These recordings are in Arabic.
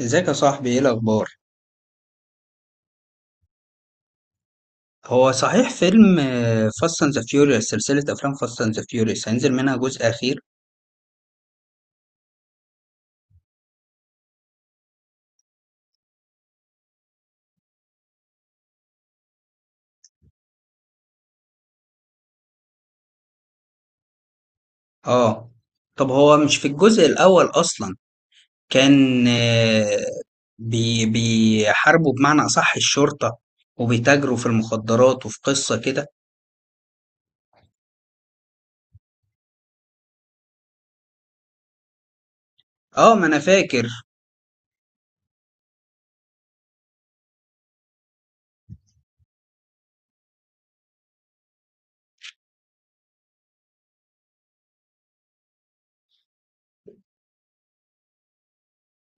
ازيك يا صاحبي؟ ايه الاخبار؟ هو صحيح فيلم فاست اند ذا فيوريوس، سلسله افلام فاست اند ذا فيوريوس هينزل منها جزء اخير؟ اه. طب هو مش في الجزء الاول اصلا كان بيحاربوا بمعنى اصح الشرطه، وبيتاجروا في المخدرات وفي قصه كده. اه، ما انا فاكر.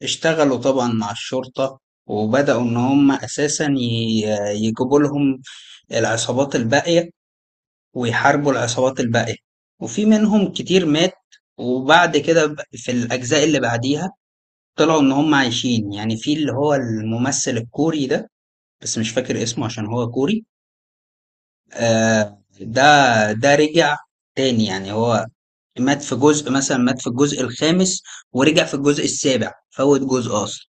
اشتغلوا طبعا مع الشرطه وبداوا ان هم اساسا يجيبوا لهم العصابات الباقيه، ويحاربوا العصابات الباقية، وفي منهم كتير مات. وبعد كده في الأجزاء اللي بعديها طلعوا إن هم عايشين، يعني في اللي هو الممثل الكوري ده، بس مش فاكر اسمه عشان هو كوري. آه، ده. ده رجع تاني، يعني هو مات في جزء، مثلا مات في الجزء الخامس ورجع في الجزء السابع، فوت جزء أصلا.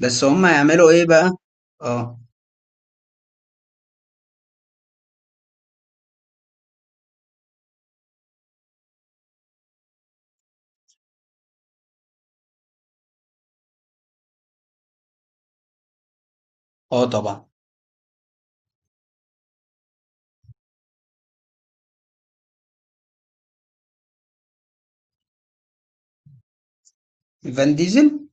بس هم يعملوا إيه بقى؟ اه. اه طبعا. فان ديزل.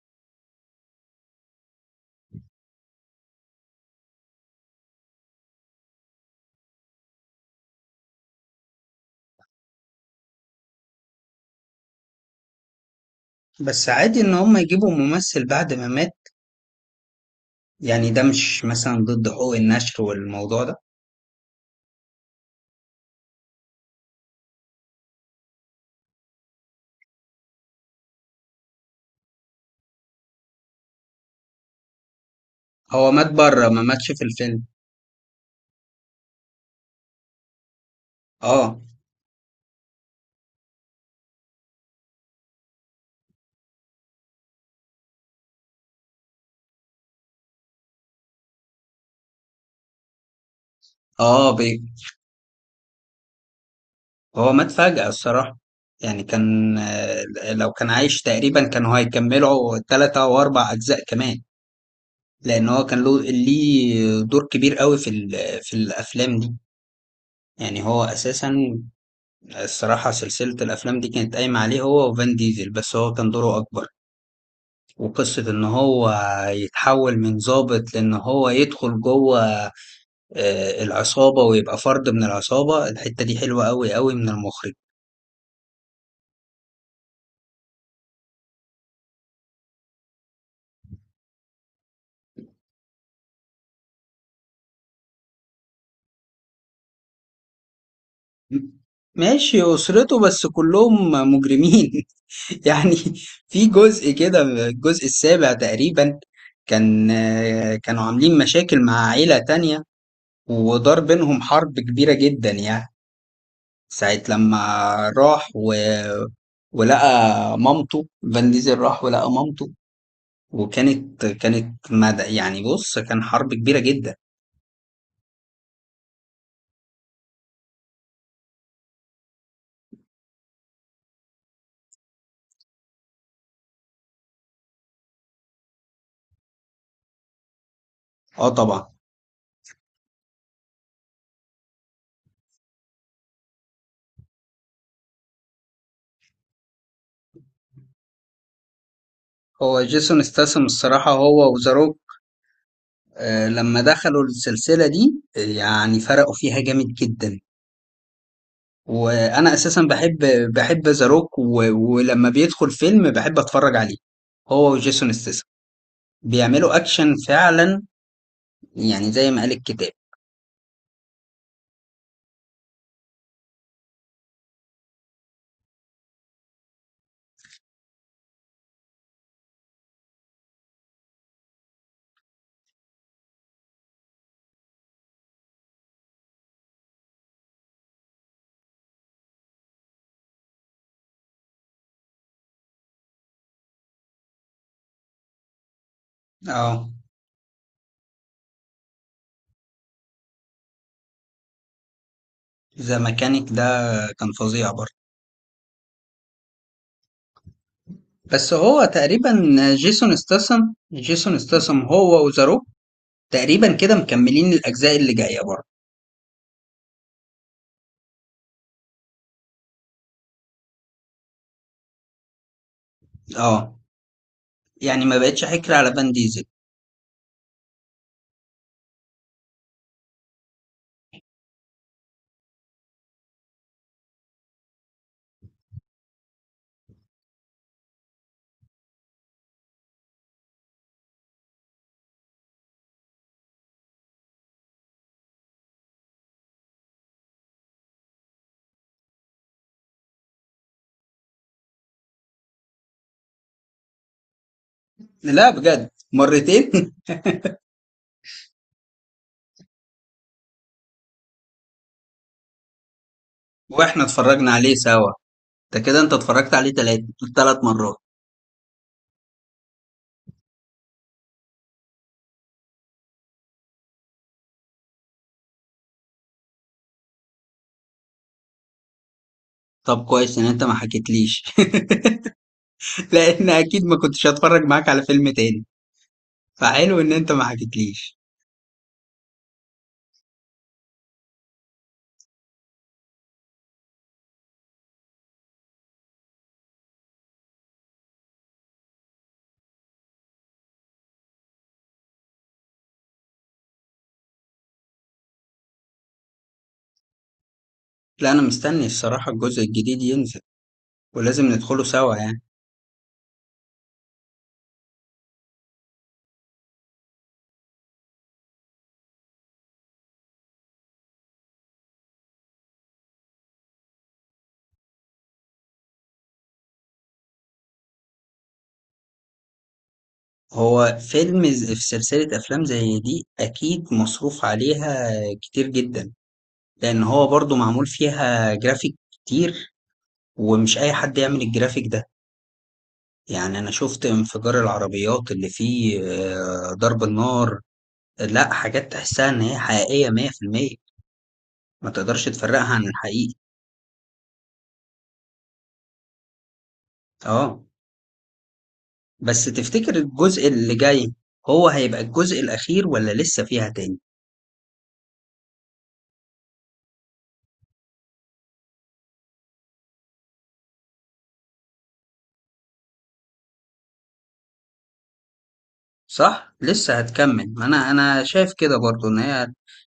بس عادي إن هم يجيبوا ممثل بعد ما مات؟ يعني ده مش مثلا ضد حقوق النشر والموضوع ده؟ هو مات بره، ما ماتش في الفيلم. اه، اه. هو مات فجأة الصراحة، يعني كان لو كان عايش تقريبا كانوا هيكملوا 3 او 4 اجزاء كمان، لان هو كان ليه دور كبير قوي في في الافلام دي. يعني هو اساسا، الصراحة سلسلة الافلام دي كانت قايمة عليه هو وفان ديزل، بس هو كان دوره اكبر. وقصة ان هو يتحول من ضابط لان هو يدخل جوه العصابة ويبقى فرد من العصابة، الحتة دي حلوة أوي أوي من المخرج. ماشي، أسرته بس كلهم مجرمين يعني. في جزء كده، الجزء السابع تقريبا، كان كانوا عاملين مشاكل مع عيلة تانية، ودار بينهم حرب كبيرة جدا، يعني ساعة لما راح ولقى مامته. فان ديزل راح ولقى مامته، وكانت مدى، يعني بص، كان حرب كبيرة جدا. اه طبعا. هو جيسون استاسم الصراحة، هو وذا. لما دخلوا السلسلة دي يعني فرقوا فيها جامد جدا. وأنا أساسا بحب ذا روك، ولما بيدخل فيلم بحب أتفرج عليه، هو وجيسون استاسم. بيعملوا أكشن فعلا، يعني زي ما قال الكتاب. اه. ذا ميكانيك ده كان فظيع برضه. بس هو تقريبا جيسون استاسم. جيسون استاسم هو وذا روك، تقريبا كده مكملين الأجزاء اللي جاية برضه. اه، يعني ما بقتش حكر على فان ديزل. لا، بجد، مرتين. واحنا اتفرجنا عليه سوا، ده كده انت اتفرجت عليه تلات مرات. طب كويس ان انت ما حكيتليش. لان اكيد ما كنتش هتفرج معاك على فيلم تاني، فحلو ان انت ما حكيتليش. لا، انا مستني الصراحة الجزء الجديد ينزل، ولازم ندخله سوا يعني. هو فيلم في سلسلة افلام زي دي اكيد مصروف عليها كتير جدا، لان هو برضو معمول فيها جرافيك كتير، ومش اي حد يعمل الجرافيك ده. يعني أنا شفت انفجار العربيات اللي فيه ضرب النار. لا، حاجات تحسها إن هي حقيقية 100%، ما تقدرش تفرقها عن الحقيقي. اه. بس تفتكر الجزء اللي جاي هو هيبقى الجزء الأخير ولا لسه فيها تاني؟ صح؟ لسه هتكمل، ما أنا شايف كده برضو إن هي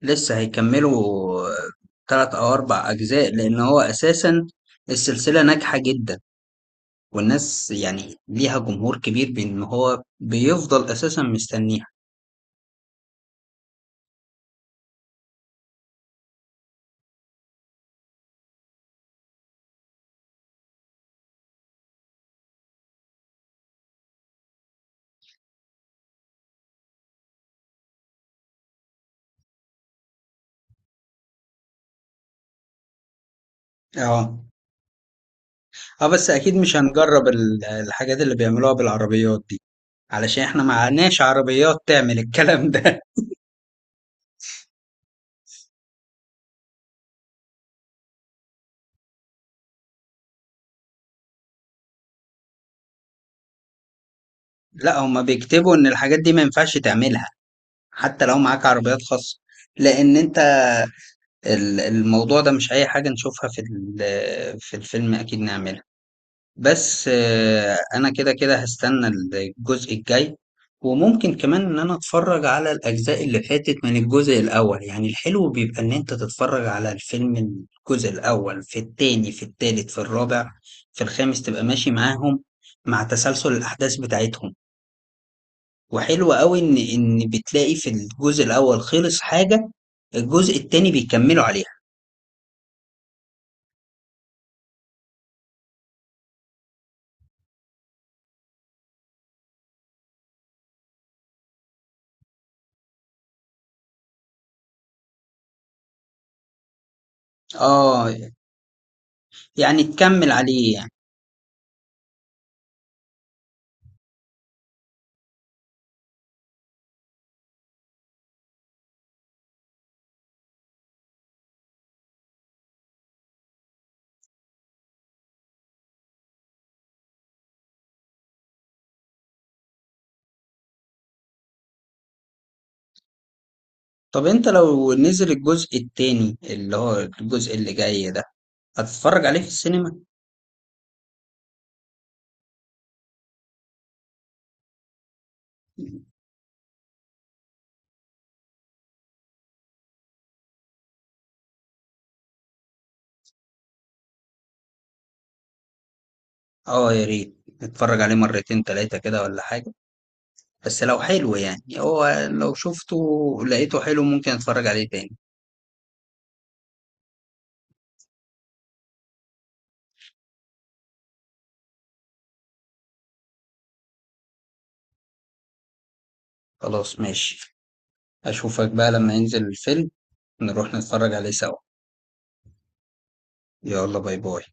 لسه هيكملوا 3 أو 4 أجزاء، لأن هو أساسا السلسلة ناجحة جدا والناس يعني ليها جمهور كبير، بإن هو بيفضل أساسا مستنيها. اه. اه، بس اكيد مش هنجرب الحاجات اللي بيعملوها بالعربيات دي، علشان احنا معناش عربيات تعمل الكلام ده. لا، هما بيكتبوا ان الحاجات دي ما ينفعش تعملها حتى لو معاك عربيات خاصة. لان انت الموضوع ده مش اي حاجة نشوفها في في الفيلم اكيد نعملها. بس انا كده كده هستنى الجزء الجاي. وممكن كمان ان انا اتفرج على الاجزاء اللي فاتت من الجزء الاول، يعني الحلو بيبقى ان انت تتفرج على الفيلم، الجزء الاول، في التاني، في التالت، في الرابع، في الخامس، تبقى ماشي معاهم مع تسلسل الاحداث بتاعتهم. وحلو قوي ان بتلاقي في الجزء الاول خلص حاجة، الجزء التاني بيكملوا عليها. اه، يعني تكمل عليه. طب انت لو نزل الجزء التاني اللي هو الجزء اللي جاي ده هتتفرج عليه في السينما؟ اه، يا ريت اتفرج عليه مرتين تلاتة كده ولا حاجة، بس لو حلو يعني، هو لو شفته لقيته حلو ممكن اتفرج عليه تاني. خلاص، ماشي. اشوفك بقى لما ينزل الفيلم، نروح نتفرج عليه سوا. يلا، باي باي.